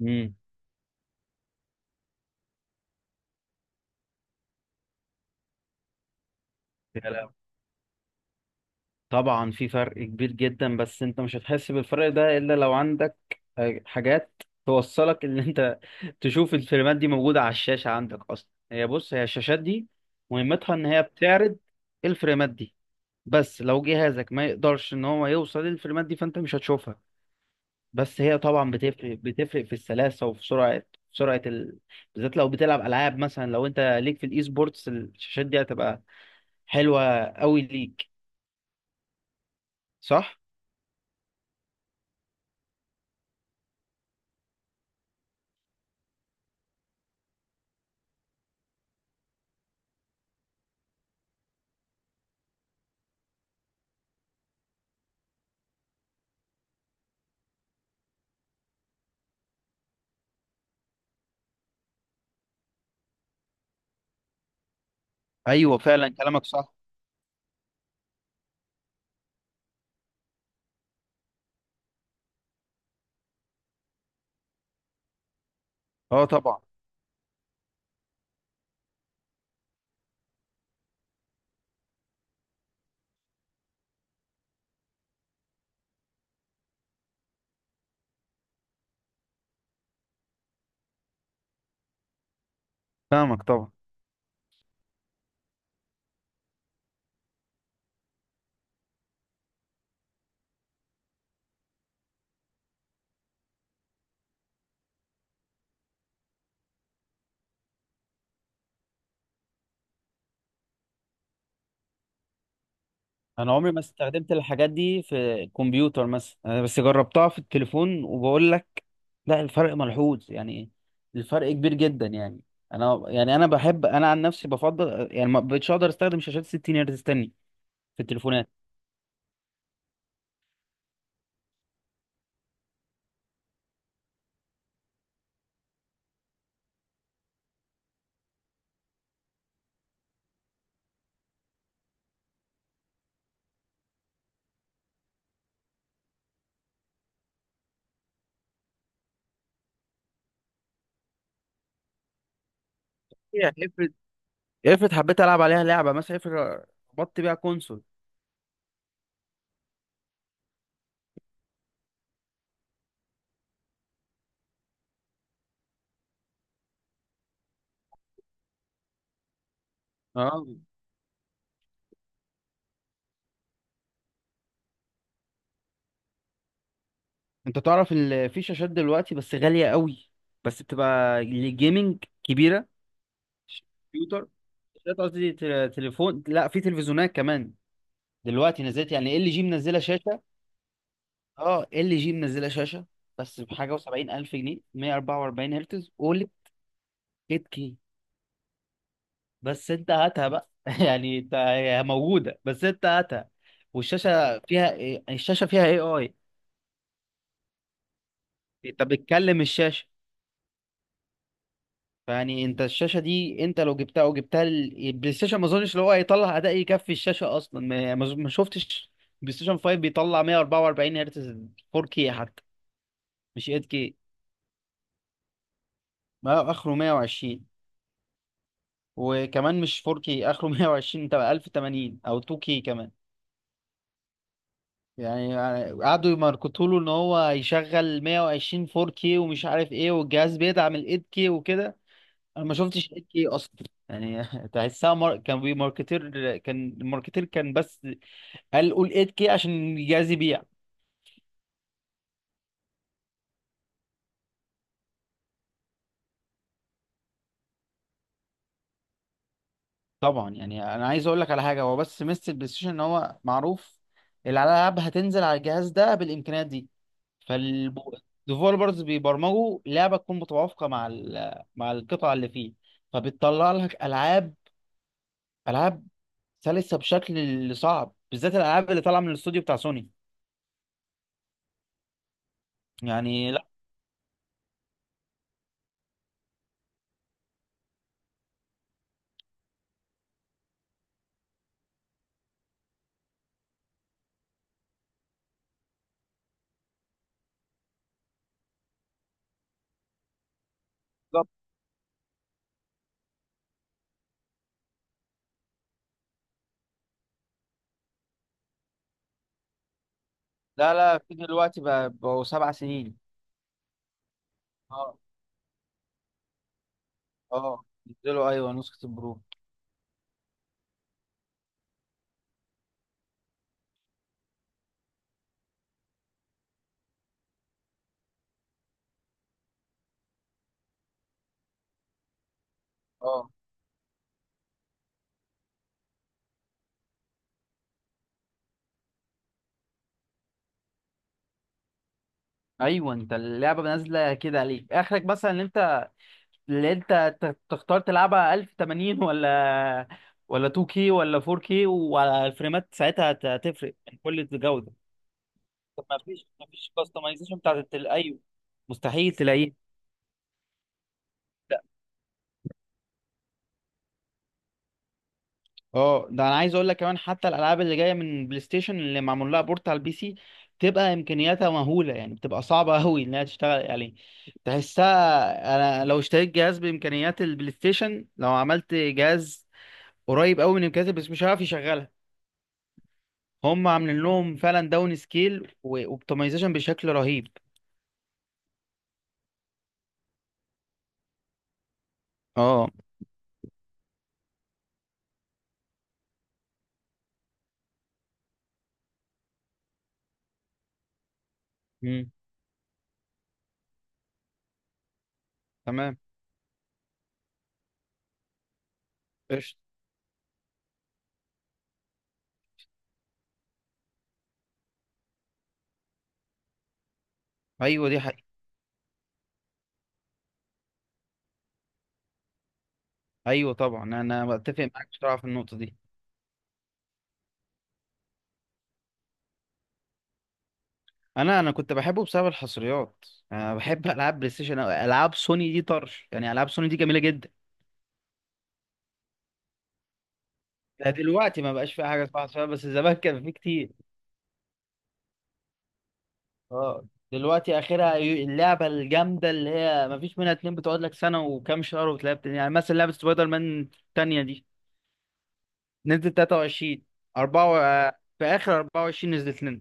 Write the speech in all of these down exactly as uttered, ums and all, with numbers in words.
امم طبعا في فرق كبير جدا، بس انت مش هتحس بالفرق ده الا لو عندك حاجات توصلك ان انت تشوف الفيلمات دي موجودة على الشاشة عندك اصلا. هي، بص، هي الشاشات دي مهمتها ان هي بتعرض الفيلمات دي، بس لو جهازك ما يقدرش ان هو يوصل للفيلمات دي فانت مش هتشوفها. بس هي طبعا بتفرق بتفرق في السلاسة وفي سرعة سرعة ال... بالذات لو بتلعب العاب مثلا. لو انت ليك في الاي سبورتس، الشاشات دي هتبقى حلوة قوي ليك. صح. ايوه فعلا كلامك صح. اه طبعا. فاهمك طبعا. انا عمري ما استخدمت الحاجات دي في الكمبيوتر مثلا، انا بس جربتها في التليفون وبقول لك لا، الفرق ملحوظ يعني، الفرق كبير جدا يعني. انا يعني انا بحب انا عن نفسي بفضل يعني ما بقتش اقدر استخدم شاشات ستين هرتز تاني في التليفونات. يعني افرض، افرض حبيت العب عليها لعبه مثلا، افرض ربطت بيها كونسول. اه، انت تعرف ان في شاشات دلوقتي بس غاليه قوي، بس بتبقى للجيمنج كبيره. كمبيوتر، شاشات قصدي تل- تليفون، لا في تلفزيونات كمان. دلوقتي نزلت يعني ال جي منزله شاشه. اه ال جي منزله شاشه بس بحاجه و70 الف جنيه، مية واربعة واربعين هرتز اولد تمانية كي. بس انت هاتها بقى يعني انت هي موجوده بس انت هاتها. والشاشه فيها إيه؟ الشاشه فيها اي اي. انت بتكلم الشاشه. فيعني انت الشاشه دي انت لو جبتها او جبتها ال- البلاي ستيشن، ما اظنش اللي هو هيطلع اداء يكفي الشاشه اصلا. ما, ما ما شفتش بلاي ستيشن خمسة بيطلع مية واربعة واربعين هرتز فور كيه حتى، مش ايت كيه. ما اخره مية وعشرين، وكمان مش فور كيه، اخره مية وعشرين، تبقى الف وتمانين او تو كيه كمان. يعني قعدوا يماركتوا له ان هو هيشغل مية وعشرين فور كيه ومش عارف ايه، والجهاز بيدعم ال ايت كيه وكده. انا ما شفتش ايت كيه اصلا يعني تحسها مار... كان بيماركتير كان الماركتير كان، بس قال قول تمانية كيه عشان الجهاز يبيع. طبعا، يعني انا عايز اقول لك على حاجه، هو بس ميزه البلاي ستيشن ان هو معروف الالعاب هتنزل على الجهاز ده بالامكانيات دي. فالديفولبرز بيبرمجوا لعبه تكون متوافقه مع ال- مع القطع اللي فيه. فبتطلع لك العاب العاب سلسه بشكل صعب، بالذات الالعاب اللي طالعه من الاستوديو بتاع سوني. يعني، لا، بالظبط. لا لا، في دلوقتي بقى بقوا سبع سنين. اه. اه نزلوا، ايوه نسخه البرو. اه. ايوه، انت اللعبه نازله كده عليك، اخرك مثلا ان انت اللي انت ت- تختار تلعبها الف وتمانين ولا ولا تو كيه ولا فور كيه، وعلى الفريمات ساعتها هت- هتفرق يعني، كل الجوده. طب ما فيش ما فيش كاستمايزيشن بتاعت التل... ايوه. مستحيل تلاقيه. اه، ده انا عايز اقول لك كمان، حتى الالعاب اللي جايه من بلاي ستيشن اللي معمول لها بورت على البي سي بتبقى امكانياتها مهوله، يعني بتبقى صعبه قوي انها تشتغل عليه. تحسها، انا لو اشتريت جهاز بامكانيات البلاي ستيشن، لو عملت جهاز قريب قوي من الامكانيات بس مش عارف يشغلها. هم عاملين لهم فعلا داون سكيل واوبتمايزيشن بشكل رهيب. اه. امم تمام. قشطة. ايوه دي حقيقة. ايوه طبعا، انا بتفق معاك بصراحة في النقطة دي. انا انا كنت بحبه بسبب الحصريات. انا بحب العاب بلاي ستيشن أوي. العاب سوني دي طرش يعني، العاب سوني دي جميلة جدا. لا دلوقتي ما بقاش فيها حاجة اسمها حصريات، بس زمان كان في كتير. اه دلوقتي اخرها ي- اللعبة الجامدة اللي هي ما فيش منها اتنين بتقعد لك سنة وكام شهر وتلاقيها بت- يعني مثلا لعبة سبايدر مان التانية دي، نزلت تلاته وعشرين اربعة، في اخر اربعه وعشرين نزلت لنا.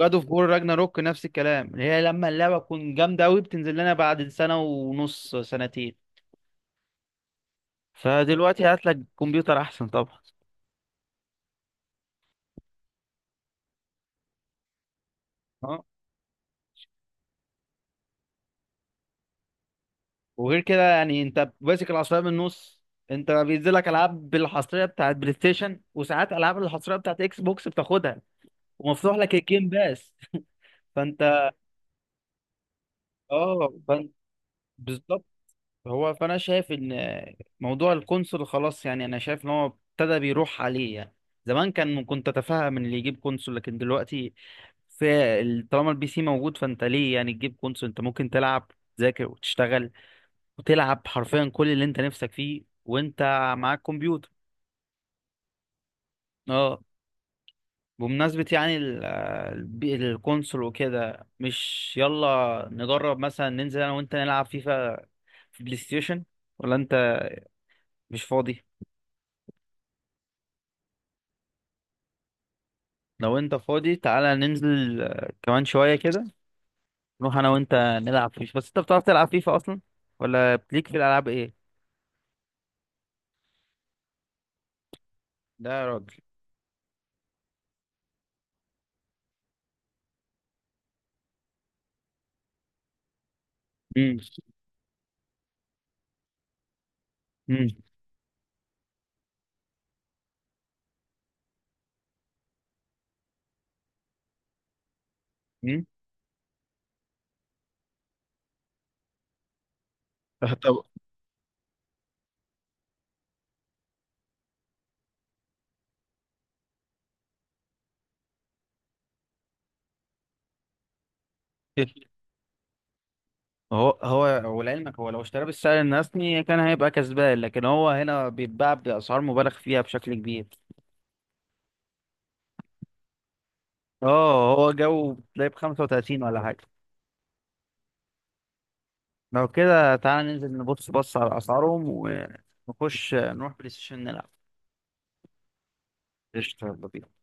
جاد اوف وور راجناروك نفس الكلام، اللي هي لما اللعبه تكون جامده قوي بتنزل لنا بعد سنه ونص، سنتين. فدلوقتي هات لك كمبيوتر احسن طبعا. اه، وغير كده يعني انت ماسك العصايه من النص. انت بينزل لك العاب بالحصريه بتاعت بلاي ستيشن، وساعات العاب الحصريه بتاعت اكس بوكس بتاخدها، ومفتوح لك الجيم باس. فانت اه فانت هو فانا شايف ان موضوع القنصل خلاص يعني، انا شايف ان هو ابتدى بيروح عليه يعني. زمان كان، كنت اتفهم ان اللي يجيب قنصل، لكن دلوقتي في ال- طالما البي سي موجود فانت ليه يعني تجيب قنصل؟ انت ممكن تلعب، تذاكر وتشتغل، وتلعب حرفيا كل اللي انت نفسك فيه وانت معاك كمبيوتر. اه. بمناسبة يعني ال- الب- القنصل وكده، مش يلا نجرب مثلا، ننزل انا وانت نلعب فيفا في بلاي ستيشن؟ ولا انت مش فاضي؟ لو انت فاضي تعالى ننزل، آه، كمان شوية كده نروح انا وانت نلعب فيفا. بس انت بتعرف تلعب فيفا اصلا؟ ولا بليك في الالعاب ايه؟ لا يا راجل. امم امم امم طب هو هو، ولعلمك هو لو اشترى بالسعر الرسمي كان هيبقى كسبان، لكن هو هنا بيتباع بأسعار مبالغ فيها بشكل كبير. اه، هو جو بتلاقيه بخمسة وتلاتين ولا حاجة. لو كده تعالى ننزل نبص بص على أسعارهم، ونخش نروح بلاي ستيشن نلعب. قشطة، يلا بينا.